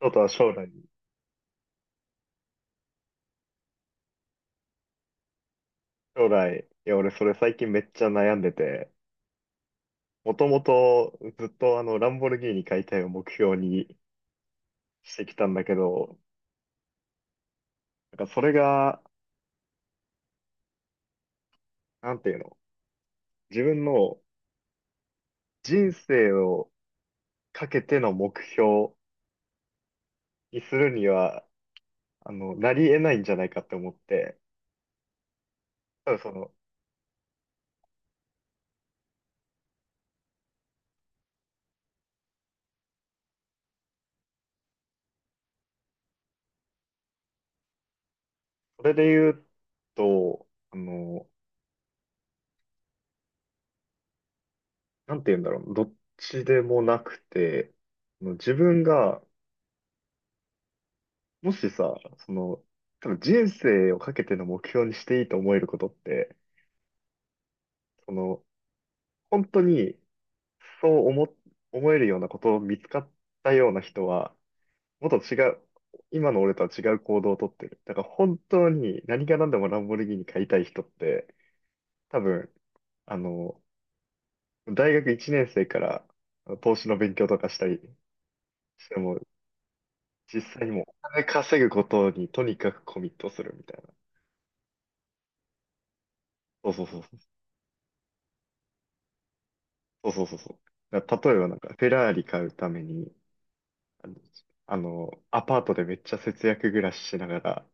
ちょっとは将来、将来、いや、俺それ最近めっちゃ悩んでて、もともとずっとランボルギーニ解体を目標にしてきたんだけど、なんかそれが、なんていうの、自分の人生をかけての目標にするには、なり得ないんじゃないかって思って、ただそれで言うと、なんていうんだろう、どっちでもなくて、自分がもしさ、その、多分人生をかけての目標にしていいと思えることって、その、本当にそう思、思えるようなことを見つかったような人は、もっと違う、今の俺とは違う行動をとってる。だから本当に何が何でもランボルギーニ買いたい人って、多分、あの、大学1年生から投資の勉強とかしたりしても、実際にもうお金稼ぐことにとにかくコミットするみたいな。そうそうそうそうそうそうそう。だから例えばなんか、フェラーリ買うために、あの、あのアパートでめっちゃ節約暮らししながら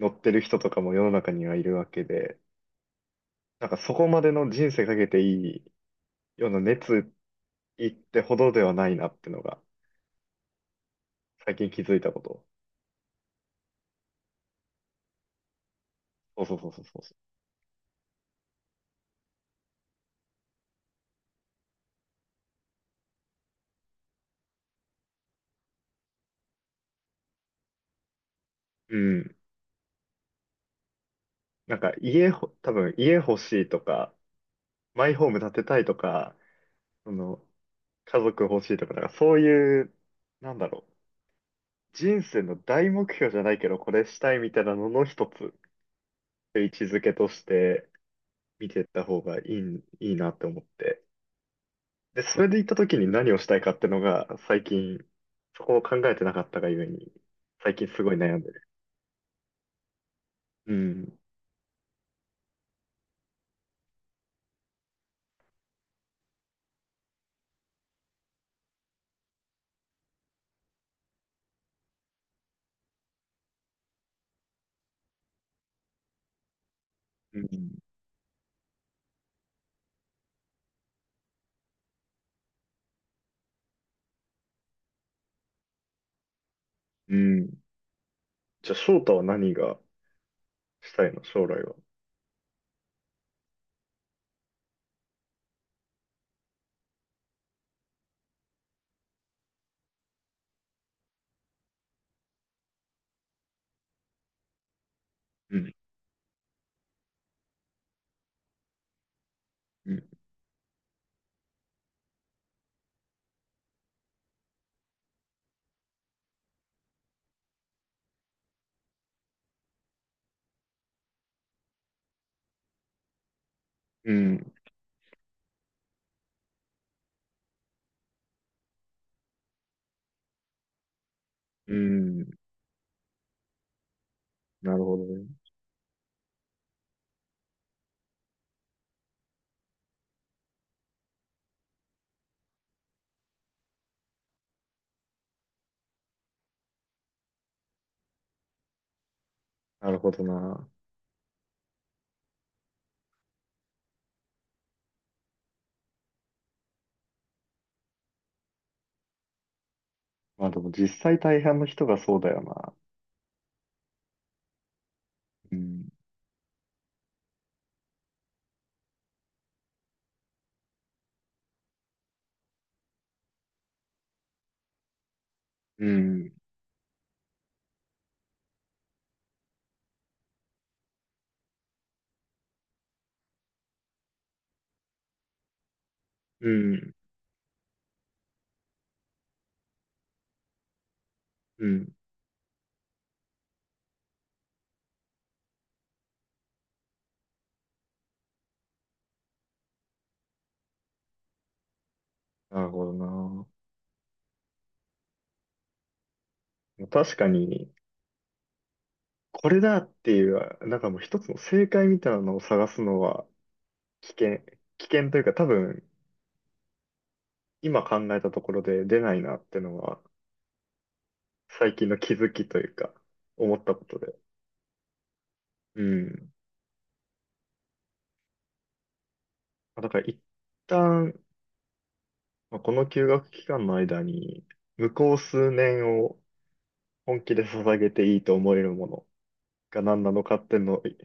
乗ってる人とかも世の中にはいるわけで、なんかそこまでの人生かけていいような熱意ってほどではないなってのが、最近気づいたこと。そうそうそうそうそう。うん。なんか家ほ、多分家欲しいとか、マイホーム建てたいとか、その、家族欲しいとか、なんかそういう、なんだろう。人生の大目標じゃないけど、これしたいみたいなのの一つ、位置づけとして見ていった方がいいなって思って。で、それで行った時に何をしたいかってのが、最近、そこを考えてなかったがゆえに、最近すごい悩んでる。うん。うん。うん。じゃあ、翔太は何がしたいの将来は。うん。うん。うん。うん。なるほどね。なるほどな。まあでも実際大半の人がそうだよな。うん。うん。うん。うん。なるほどな。確かに、これだっていう、なんかもう一つの正解みたいなのを探すのは危険、危険というか多分、今考えたところで出ないなっていうのは、最近の気づきというか、思ったことで。うん。だから一旦、まあこの休学期間の間に、向こう数年を本気で捧げていいと思えるものが何なのかっていうのを、い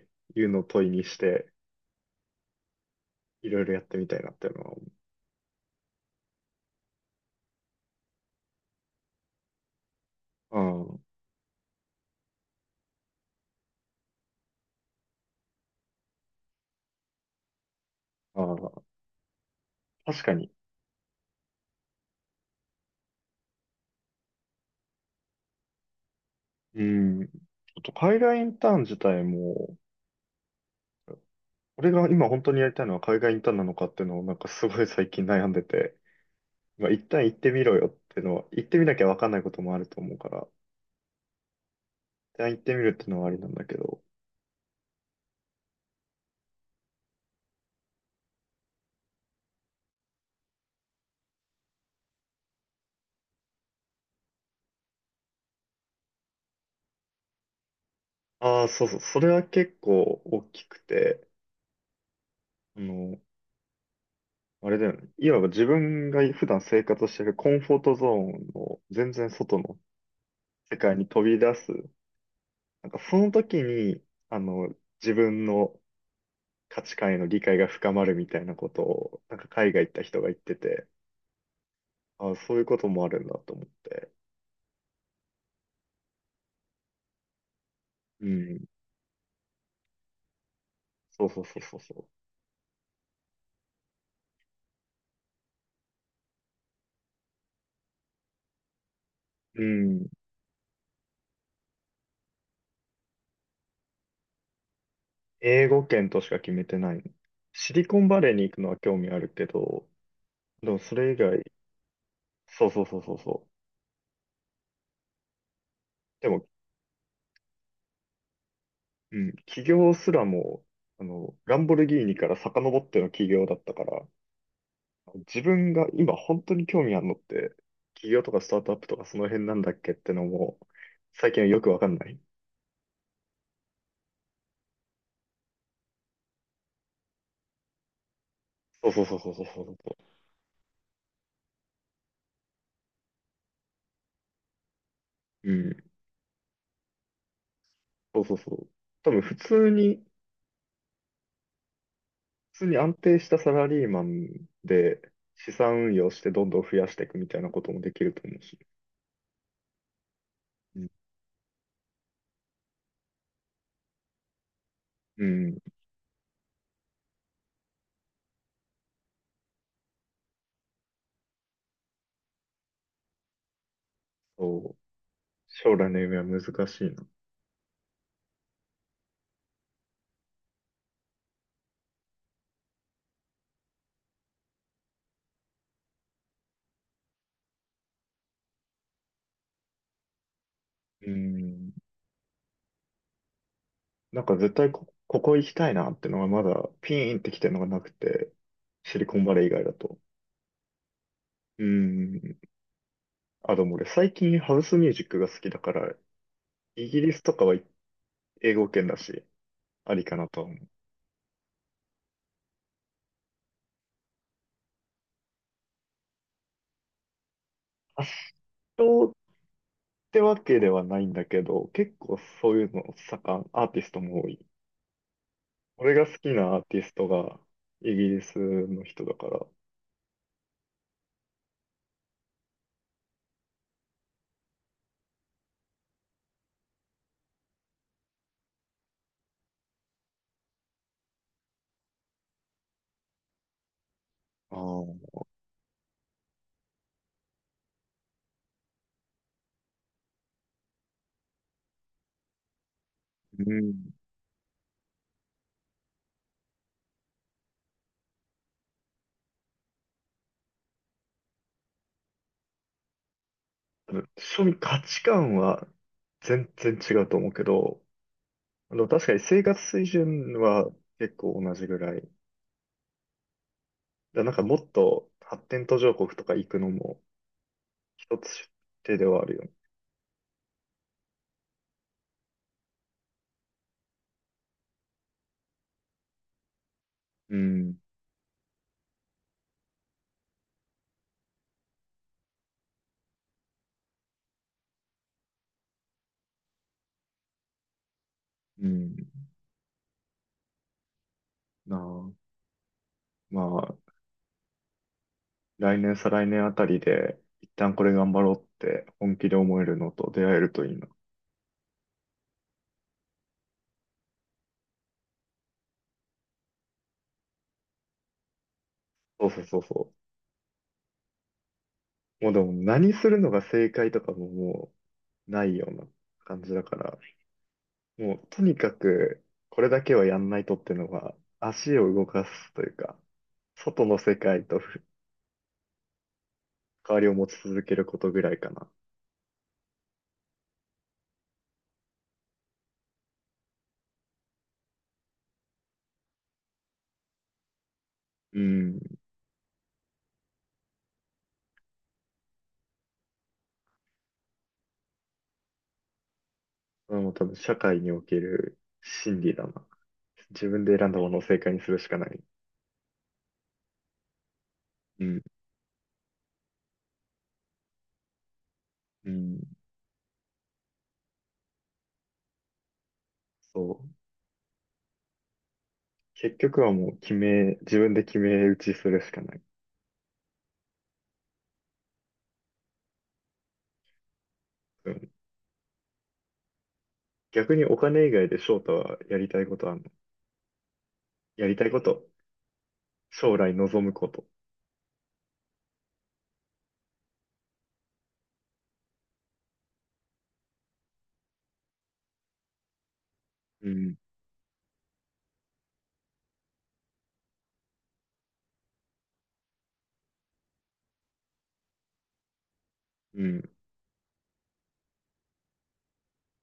うのを問いにして、いろいろやってみたいなっていうのは思う、うん。ああ、確かに。うん。ちょっと海外インターン自体も、俺が今本当にやりたいのは海外インターンなのかっていうのをなんかすごい最近悩んでて、まあ、一旦行ってみろよっていうのは、行ってみなきゃわかんないこともあると思うから、一旦行ってみるっていうのはありなんだけど。ああ、そうそう、それは結構大きくて、あの、あれだよね。いわば自分が普段生活してるコンフォートゾーンの全然外の世界に飛び出す。なんかその時に、あの、自分の価値観への理解が深まるみたいなことを、なんか海外行った人が言ってて、あ、そういうこともあるんだと思って。うん。そうそうそうそうそう。うん。英語圏としか決めてない。シリコンバレーに行くのは興味あるけど、でもそれ以外、そうそうそうそうそう。でも、うん、起業すらも、ランボルギーニから遡っての起業だったから、自分が今本当に興味あるのって、起業とかスタートアップとかその辺なんだっけってのも、最近はよくわかんない。そうそうそうそうそうそうそう。うん。そうそうそう。多分普通に安定したサラリーマンで資産運用してどんどん増やしていくみたいなこともできると思うし。うん。うん。そう。将来の夢は難しいな。うん。なんか絶対こ、ここ行きたいなってのがまだピーンってきてるのがなくて、シリコンバレー以外だと。うん。あ、でも俺最近ハウスミュージックが好きだから、イギリスとかは英語圏だし、ありかなとは思う。ってわけではないんだけど、結構そういうのアーティストも多い。俺が好きなアーティストがイギリスの人だから、ああ、うん。庶民価値観は全然違うと思うけど、確かに生活水準は結構同じぐらい。だなんかもっと発展途上国とか行くのも一つ手ではあるよね。うん。うん。なあ。まあ来年、再来年あたりで、一旦これ頑張ろうって本気で思えるのと出会えるといいな。そうそうそうそう。もうでも何するのが正解とかももうないような感じだから、もうとにかくこれだけはやんないとっていうのが足を動かすというか、外の世界と関わりを持ち続けることぐらいかな。うん。これも多分社会における真理だな。自分で選んだものを正解にするしかない。うん。うん。そう。結局はもう決め、自分で決め打ちするしかない。うん。逆にお金以外で翔太はやりたいことあんのやりたいこと。将来望むこと。うん。うん。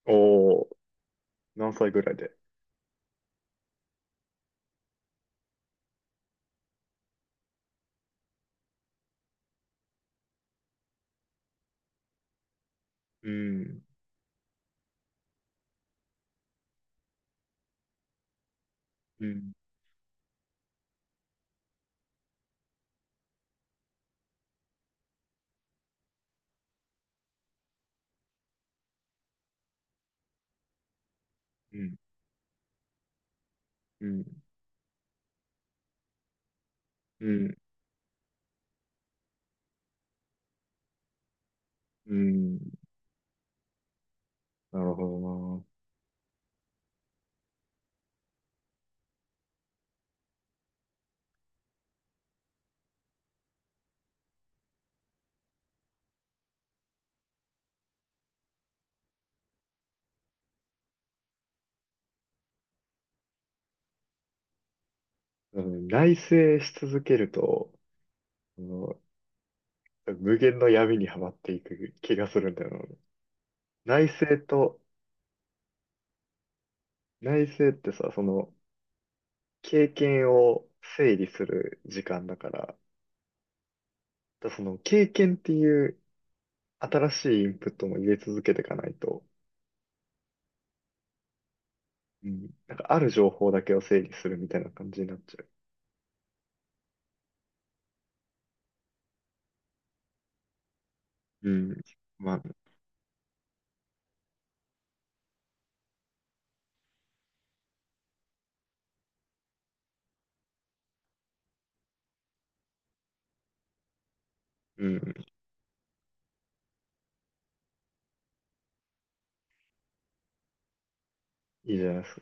おー、何歳ぐらいで。うん。うん。うん。うん。うん。うん。なるほどな。うん。内省し続けると、その無限の闇にはまっていく気がするんだよな。内省と、内省ってさ、経験を整理する時間だから、だその経験っていう新しいインプットも入れ続けていかないと、うん、なんかある情報だけを整理するみたいな感じになっちゃう。うん。まあ、うん、いいじゃないですか。